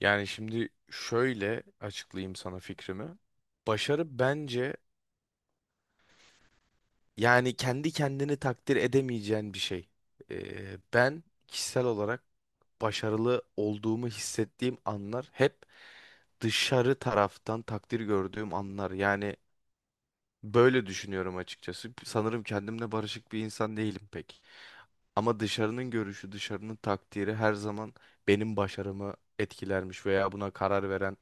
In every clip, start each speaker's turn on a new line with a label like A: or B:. A: Yani şimdi şöyle açıklayayım sana fikrimi. Başarı bence yani kendi kendini takdir edemeyeceğin bir şey. Ben kişisel olarak başarılı olduğumu hissettiğim anlar hep dışarı taraftan takdir gördüğüm anlar. Yani böyle düşünüyorum açıkçası. Sanırım kendimle barışık bir insan değilim pek. Ama dışarının görüşü, dışarının takdiri her zaman benim başarımı etkilermiş veya buna karar veren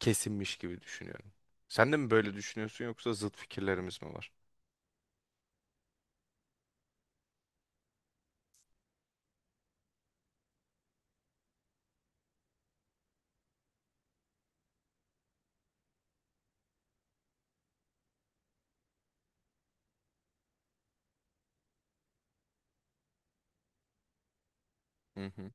A: kesinmiş gibi düşünüyorum. Sen de mi böyle düşünüyorsun yoksa zıt fikirlerimiz mi var? Hı hı.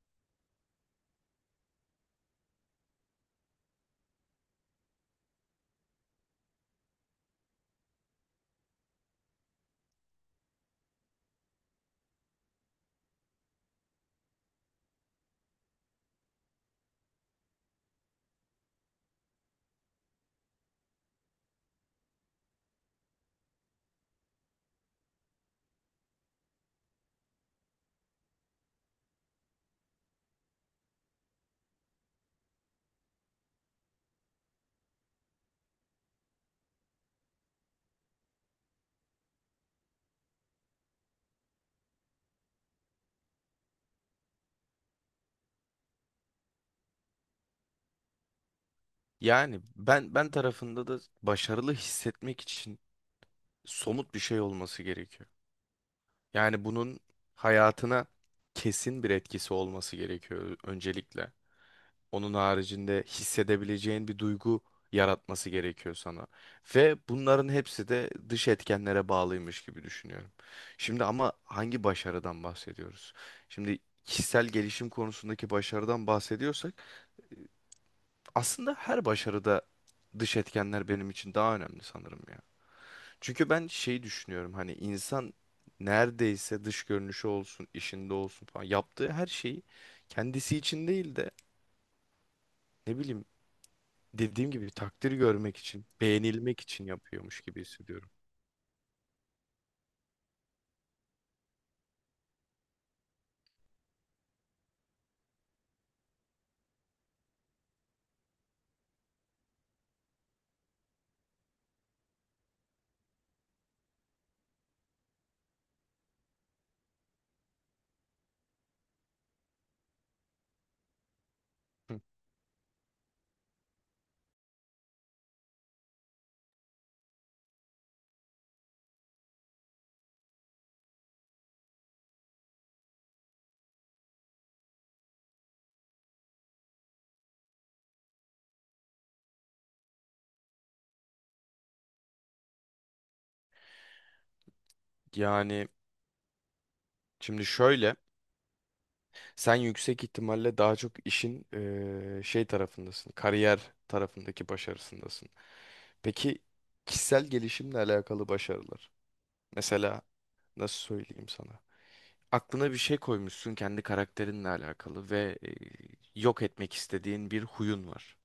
A: Yani ben tarafında da başarılı hissetmek için somut bir şey olması gerekiyor. Yani bunun hayatına kesin bir etkisi olması gerekiyor öncelikle. Onun haricinde hissedebileceğin bir duygu yaratması gerekiyor sana. Ve bunların hepsi de dış etkenlere bağlıymış gibi düşünüyorum. Şimdi ama hangi başarıdan bahsediyoruz? Şimdi kişisel gelişim konusundaki başarıdan bahsediyorsak aslında her başarıda dış etkenler benim için daha önemli sanırım ya. Çünkü ben şey düşünüyorum hani insan neredeyse dış görünüşü olsun, işinde olsun falan yaptığı her şeyi kendisi için değil de ne bileyim dediğim gibi takdir görmek için, beğenilmek için yapıyormuş gibi hissediyorum. Hı. Yani şimdi şöyle, sen yüksek ihtimalle daha çok işin şey tarafındasın, kariyer tarafındaki başarısındasın. Peki kişisel gelişimle alakalı başarılar. Mesela nasıl söyleyeyim sana? Aklına bir şey koymuşsun kendi karakterinle alakalı ve yok etmek istediğin bir huyun var.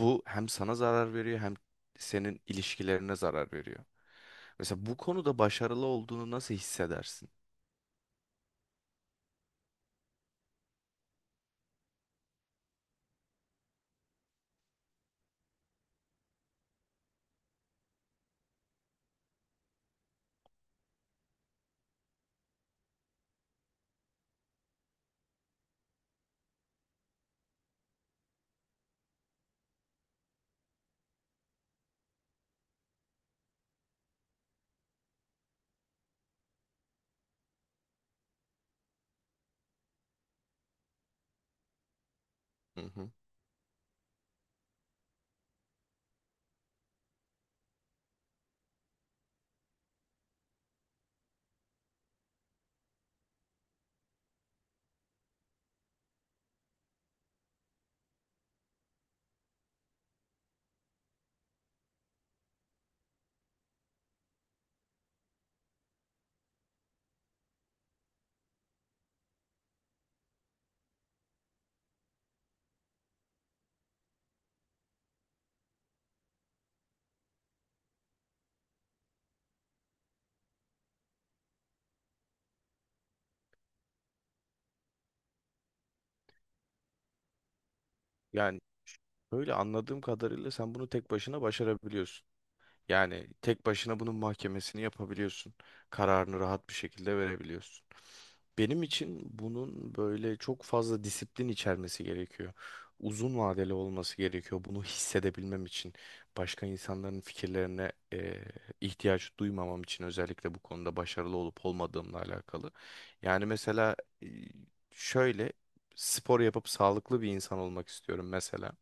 A: Bu hem sana zarar veriyor hem senin ilişkilerine zarar veriyor. Mesela bu konuda başarılı olduğunu nasıl hissedersin? Hı hı. Yani öyle anladığım kadarıyla sen bunu tek başına başarabiliyorsun. Yani tek başına bunun mahkemesini yapabiliyorsun. Kararını rahat bir şekilde verebiliyorsun. Benim için bunun böyle çok fazla disiplin içermesi gerekiyor. Uzun vadeli olması gerekiyor. Bunu hissedebilmem için, başka insanların fikirlerine ihtiyaç duymamam için özellikle bu konuda başarılı olup olmadığımla alakalı. Yani mesela şöyle spor yapıp sağlıklı bir insan olmak istiyorum mesela.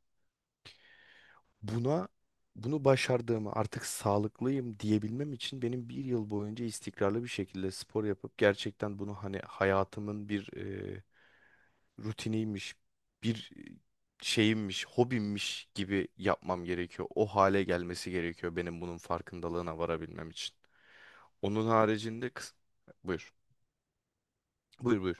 A: Buna Bunu başardığımı artık sağlıklıyım diyebilmem için benim 1 yıl boyunca istikrarlı bir şekilde spor yapıp gerçekten bunu hani hayatımın bir rutiniymiş, bir şeyimmiş, hobimmiş gibi yapmam gerekiyor. O hale gelmesi gerekiyor benim bunun farkındalığına varabilmem için. Onun haricinde kıs- Buyur. Buyur, buyur.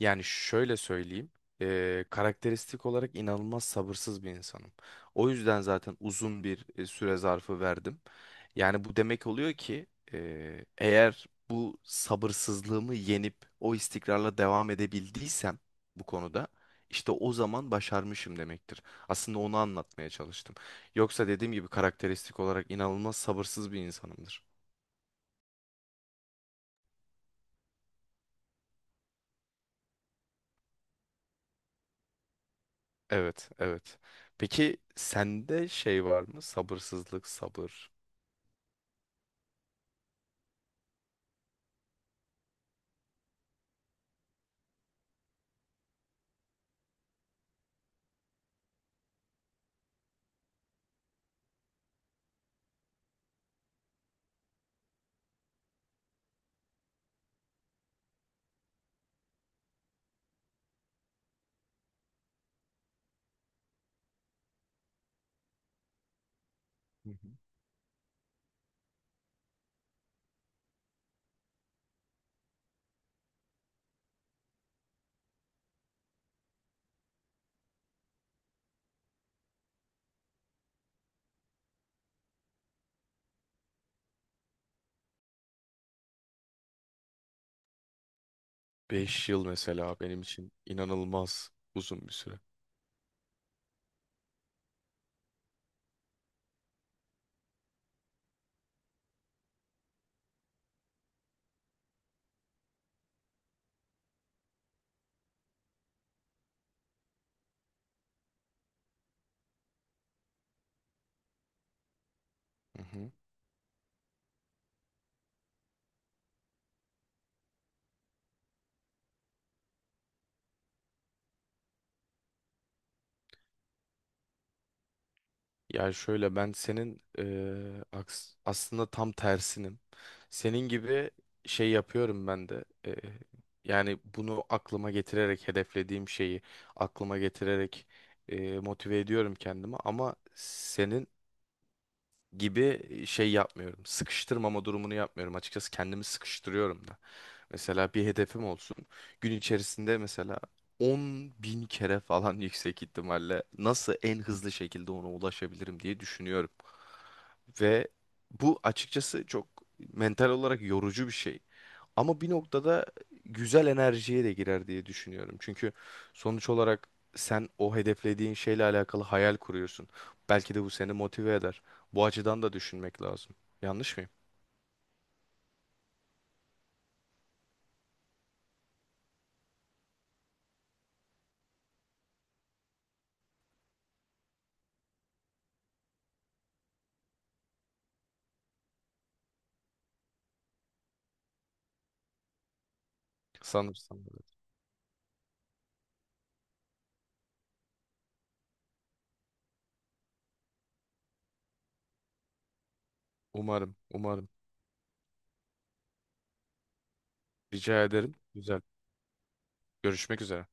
A: Yani şöyle söyleyeyim, karakteristik olarak inanılmaz sabırsız bir insanım. O yüzden zaten uzun bir süre zarfı verdim. Yani bu demek oluyor ki eğer bu sabırsızlığımı yenip o istikrarla devam edebildiysem bu konuda işte o zaman başarmışım demektir. Aslında onu anlatmaya çalıştım. Yoksa dediğim gibi karakteristik olarak inanılmaz sabırsız bir insanımdır. Evet, evet. Peki sende şey var mı? Sabırsızlık, sabır. Hı hı. 5 yıl mesela benim için inanılmaz uzun bir süre. Hı hı. Yani şöyle ben senin aslında tam tersinim. Senin gibi şey yapıyorum ben de. Yani bunu aklıma getirerek hedeflediğim şeyi aklıma getirerek motive ediyorum kendimi. Ama senin gibi şey yapmıyorum. Sıkıştırmama durumunu yapmıyorum. Açıkçası kendimi sıkıştırıyorum da. Mesela bir hedefim olsun. Gün içerisinde mesela 10 bin kere falan yüksek ihtimalle nasıl en hızlı şekilde ona ulaşabilirim diye düşünüyorum. Ve bu açıkçası çok mental olarak yorucu bir şey. Ama bir noktada güzel enerjiye de girer diye düşünüyorum. Çünkü sonuç olarak sen o hedeflediğin şeyle alakalı hayal kuruyorsun. Belki de bu seni motive eder. Bu açıdan da düşünmek lazım. Yanlış mıyım? Sanırsam. Evet. Umarım, umarım. Rica ederim. Güzel. Görüşmek üzere.